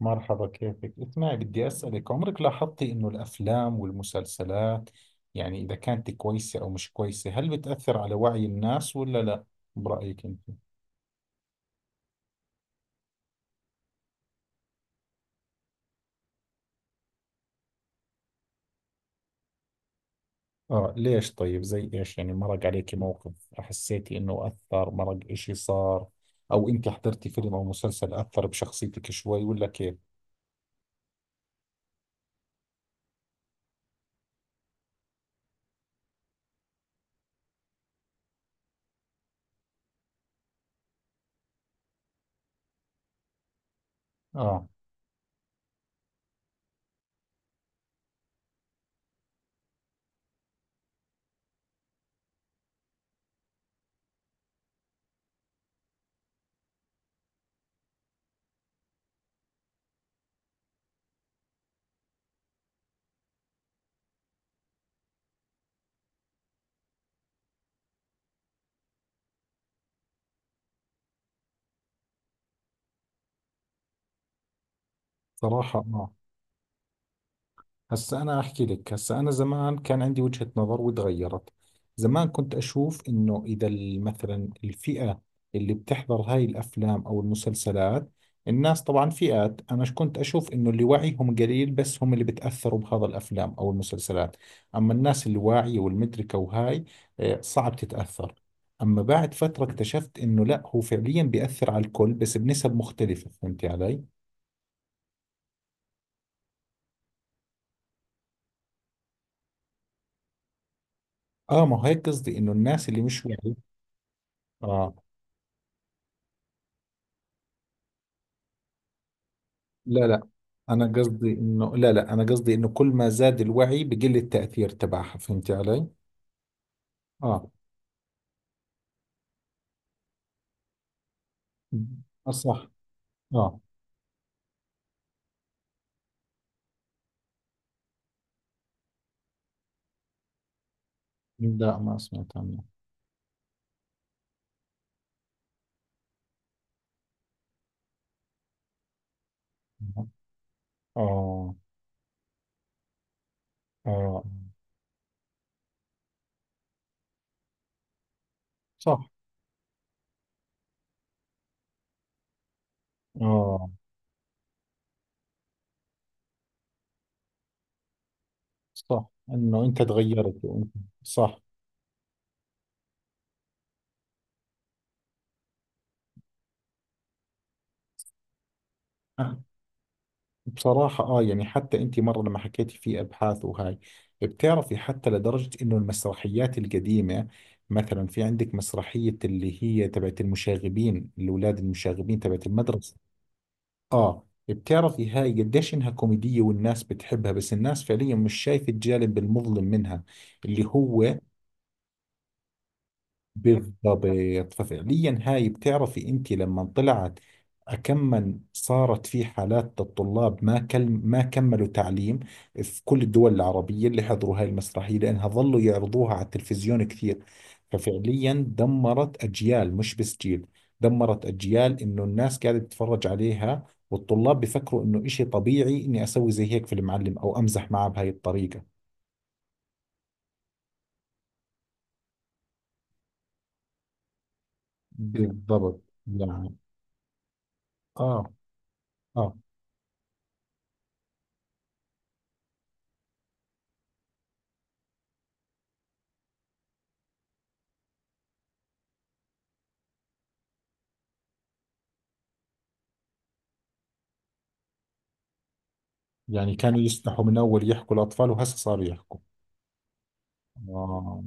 مرحبا، كيفك؟ اسمعي، بدي أسألك عمرك لاحظتي إنه الأفلام والمسلسلات يعني إذا كانت كويسة أو مش كويسة هل بتأثر على وعي الناس ولا لا؟ برأيك أنت؟ آه، ليش؟ طيب زي إيش؟ يعني مرق عليك موقف حسيتي إنه أثر؟ مرق إشي صار؟ أو أنت حضرتي فيلم أو مسلسل أثر بشخصيتك شوي ولا كيف؟ آه، صراحة آه. هسا أنا أحكي لك. هسا أنا زمان كان عندي وجهة نظر وتغيرت. زمان كنت أشوف إنه إذا مثلا الفئة اللي بتحضر هاي الأفلام أو المسلسلات، الناس طبعا فئات، أنا كنت أشوف إنه اللي وعيهم قليل بس هم اللي بتأثروا بهذا الأفلام أو المسلسلات، أما الناس اللي واعية والمدركة وهاي صعب تتأثر. أما بعد فترة اكتشفت إنه لا، هو فعليا بيأثر على الكل بس بنسب مختلفة. فهمتي علي؟ آه، ما هيك قصدي، إنه الناس اللي مش واعية. آه، لا لا، أنا قصدي إنه، لا لا، أنا قصدي إنه كل ما زاد الوعي بقل التأثير تبعها. فهمتي علي؟ آه، صح. آه، لا، ما سمعت عنه. آه. آه، صح. آه، صح إنه أنت تغيرت وأنت. صح. آه. بصراحة يعني حتى أنت مرة لما حكيتي في أبحاث وهاي، بتعرفي حتى لدرجة إنه المسرحيات القديمة، مثلا في عندك مسرحية اللي هي تبعت المشاغبين، الأولاد المشاغبين تبعت المدرسة. اه، بتعرفي هاي قديش انها كوميدية والناس بتحبها، بس الناس فعليا مش شايفة الجانب المظلم منها، اللي هو... بالضبط. ففعليا هاي بتعرفي، انت لما طلعت كم صارت في حالات الطلاب، ما كل ما كملوا تعليم في كل الدول العربية اللي حضروا هاي المسرحية لأنها ظلوا يعرضوها على التلفزيون كثير. ففعليا دمرت أجيال، مش بس جيل، دمرت أجيال، إنه الناس قاعدة تتفرج عليها والطلاب بفكروا إنه إشي طبيعي إني أسوي زي هيك في المعلم أو أمزح معه بهاي الطريقة. بالضبط، يعني. آه، آه، يعني كانوا يسمحوا من أول يحكوا الأطفال وهسه صاروا يحكوا. آه.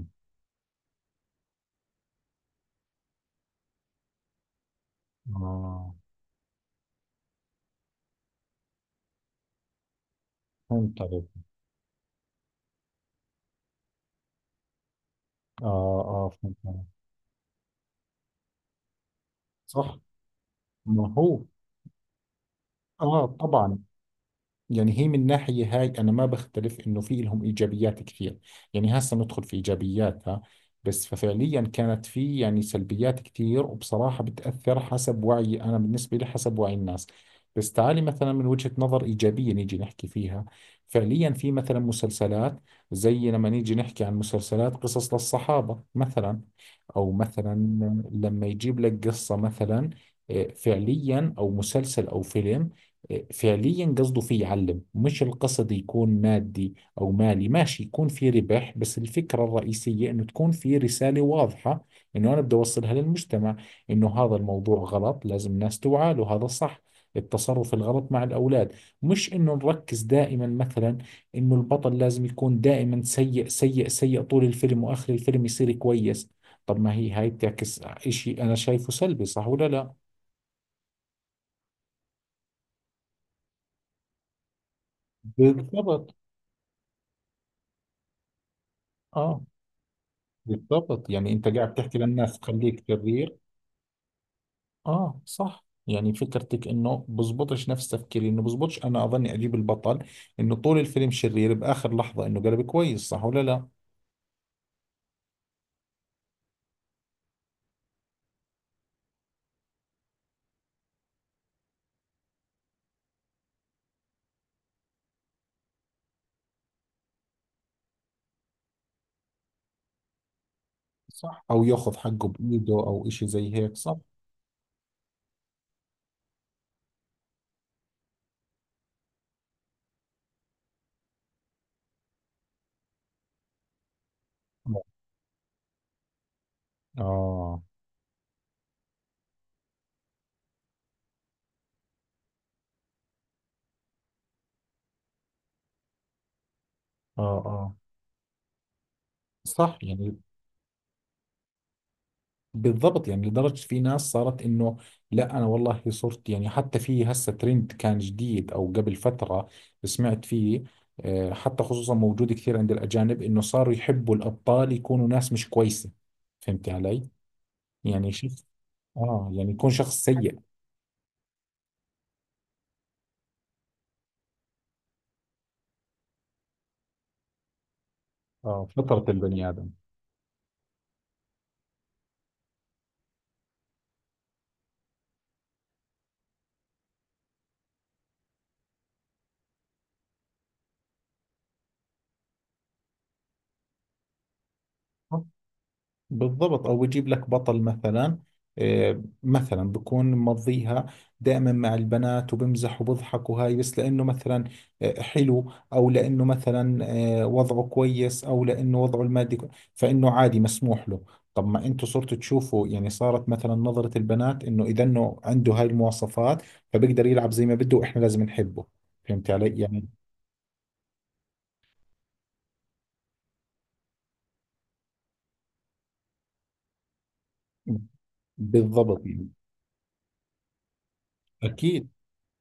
آه، فهمت عليك. آه. آه، فهمت عليك. صح. ما هو... آه، طبعا. يعني هي من ناحية هاي أنا ما بختلف إنه في لهم إيجابيات كثير، يعني هسه ندخل في إيجابياتها، بس ففعليا كانت في يعني سلبيات كثير، وبصراحة بتأثر حسب وعي، أنا بالنسبة لي حسب وعي الناس. بس تعالي مثلا من وجهة نظر إيجابية نيجي نحكي فيها، فعليا في مثلا مسلسلات زي لما نيجي نحكي عن مسلسلات قصص للصحابة مثلا، أو مثلا لما يجيب لك قصة مثلا، فعليا أو مسلسل أو فيلم فعليا قصده فيه يعلم، مش القصد يكون مادي أو مالي، ماشي يكون في ربح بس الفكرة الرئيسية إنه تكون في رسالة واضحة إنه أنا بدي أوصلها للمجتمع، إنه هذا الموضوع غلط، لازم الناس توعى له، هذا صح التصرف الغلط مع الأولاد. مش إنه نركز دائما مثلا إنه البطل لازم يكون دائما سيء سيء سيء طول الفيلم وآخر الفيلم يصير كويس. طب ما هي هاي بتعكس إشي أنا شايفه سلبي، صح ولا لا؟ بالضبط. اه، بالضبط، يعني انت قاعد تحكي للناس خليك شرير. اه، صح. يعني فكرتك انه بزبطش، نفس تفكيري انه بزبطش، انا اظني اجيب البطل انه طول الفيلم شرير، باخر لحظة انه قلب كويس، صح ولا لا؟ صح، او ياخذ حقه بايده او اشي زي هيك. صح. اه، اه، اه، صح، يعني. بالضبط، يعني لدرجة في ناس صارت إنه، لا أنا والله صرت يعني، حتى في هسه ترند كان جديد أو قبل فترة سمعت فيه، حتى خصوصا موجود كثير عند الأجانب إنه صاروا يحبوا الأبطال يكونوا ناس مش كويسة. فهمت علي؟ يعني شوف، يعني يكون شخص سيء. اه، فطرة البني آدم. بالضبط، او بجيب لك بطل مثلا، مثلا بكون مضيها دائما مع البنات وبمزح وبضحك وهاي، بس لانه مثلا حلو، او لانه مثلا وضعه كويس، او لانه وضعه المادي فانه عادي مسموح له. طب ما انتوا صرتوا تشوفوا يعني صارت مثلا نظرة البنات انه اذا انه عنده هاي المواصفات فبيقدر يلعب زي ما بده واحنا لازم نحبه. فهمت علي، يعني؟ بالضبط، يعني. اكيد.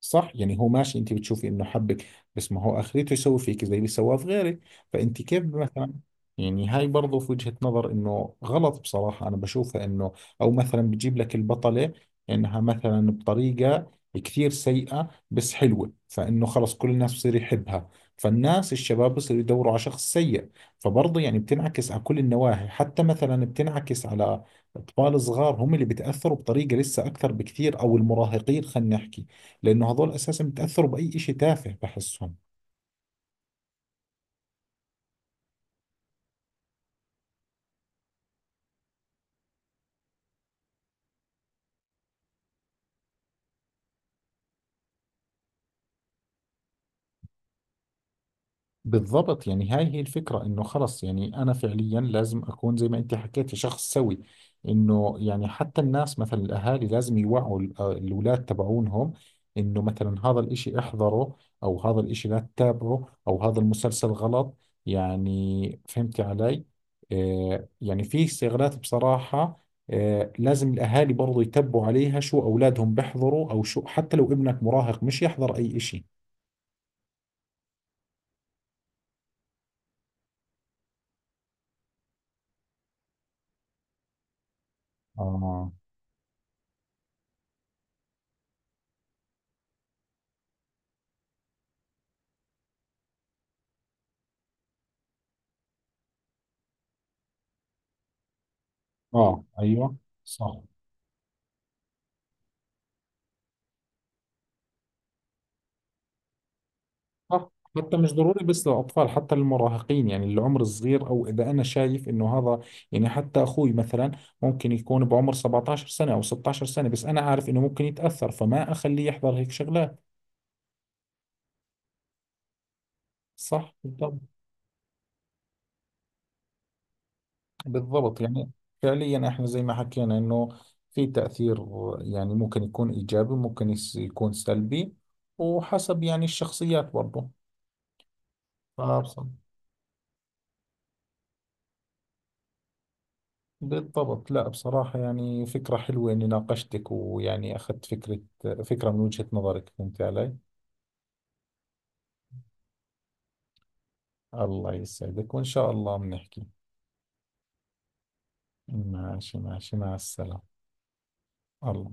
صح، يعني هو ماشي، انت بتشوفي انه حبك بس ما هو اخرته يسوي فيك زي اللي سواه في غيرك. فانت كيف مثلا؟ يعني هاي برضو في وجهة نظر انه غلط، بصراحة انا بشوفها انه او مثلا بتجيب لك البطلة انها مثلا بطريقة كثير سيئة بس حلوة، فانه خلص كل الناس بصير يحبها، فالناس الشباب بصيروا يدوروا على شخص سيء، فبرضه يعني بتنعكس على كل النواحي، حتى مثلا بتنعكس على أطفال صغار هم اللي بتأثروا بطريقة لسه أكثر بكثير، أو المراهقين خلينا نحكي، لأنه هذول أساسا بتأثروا بأي إشي تافه بحسهم. بالضبط، يعني هاي هي الفكرة، انه خلص يعني انا فعليا لازم اكون زي ما انت حكيتي شخص سوي، انه يعني حتى الناس مثلا الاهالي لازم يوعوا الاولاد تبعونهم، انه مثلا هذا الاشي احذره، او هذا الاشي لا تتابعه، او هذا المسلسل غلط. يعني فهمتي علي؟ آه، يعني في استغلالات، بصراحة لازم الاهالي برضو يتبعوا عليها شو اولادهم بيحضروا او شو، حتى لو ابنك مراهق مش يحضر اي اشي. اه، اه، ايوه. صح. صح، حتى مش ضروري بس للأطفال، حتى للمراهقين، يعني العمر الصغير، أو إذا أنا شايف إنه هذا، يعني حتى أخوي مثلا ممكن يكون بعمر 17 سنة أو 16 سنة، بس أنا عارف إنه ممكن يتأثر فما أخليه يحضر هيك شغلات. صح، بالضبط. بالضبط، يعني فعليا إحنا زي ما حكينا إنه في تأثير، يعني ممكن يكون إيجابي، ممكن يكون سلبي، وحسب يعني الشخصيات. برضه. بالضبط، لا بصراحة يعني فكرة حلوة إني ناقشتك ويعني أخذت فكرة من وجهة نظرك. فهمت علي؟ الله يسعدك، وإن شاء الله بنحكي. ماشي، ماشي، مع السلامة. الله.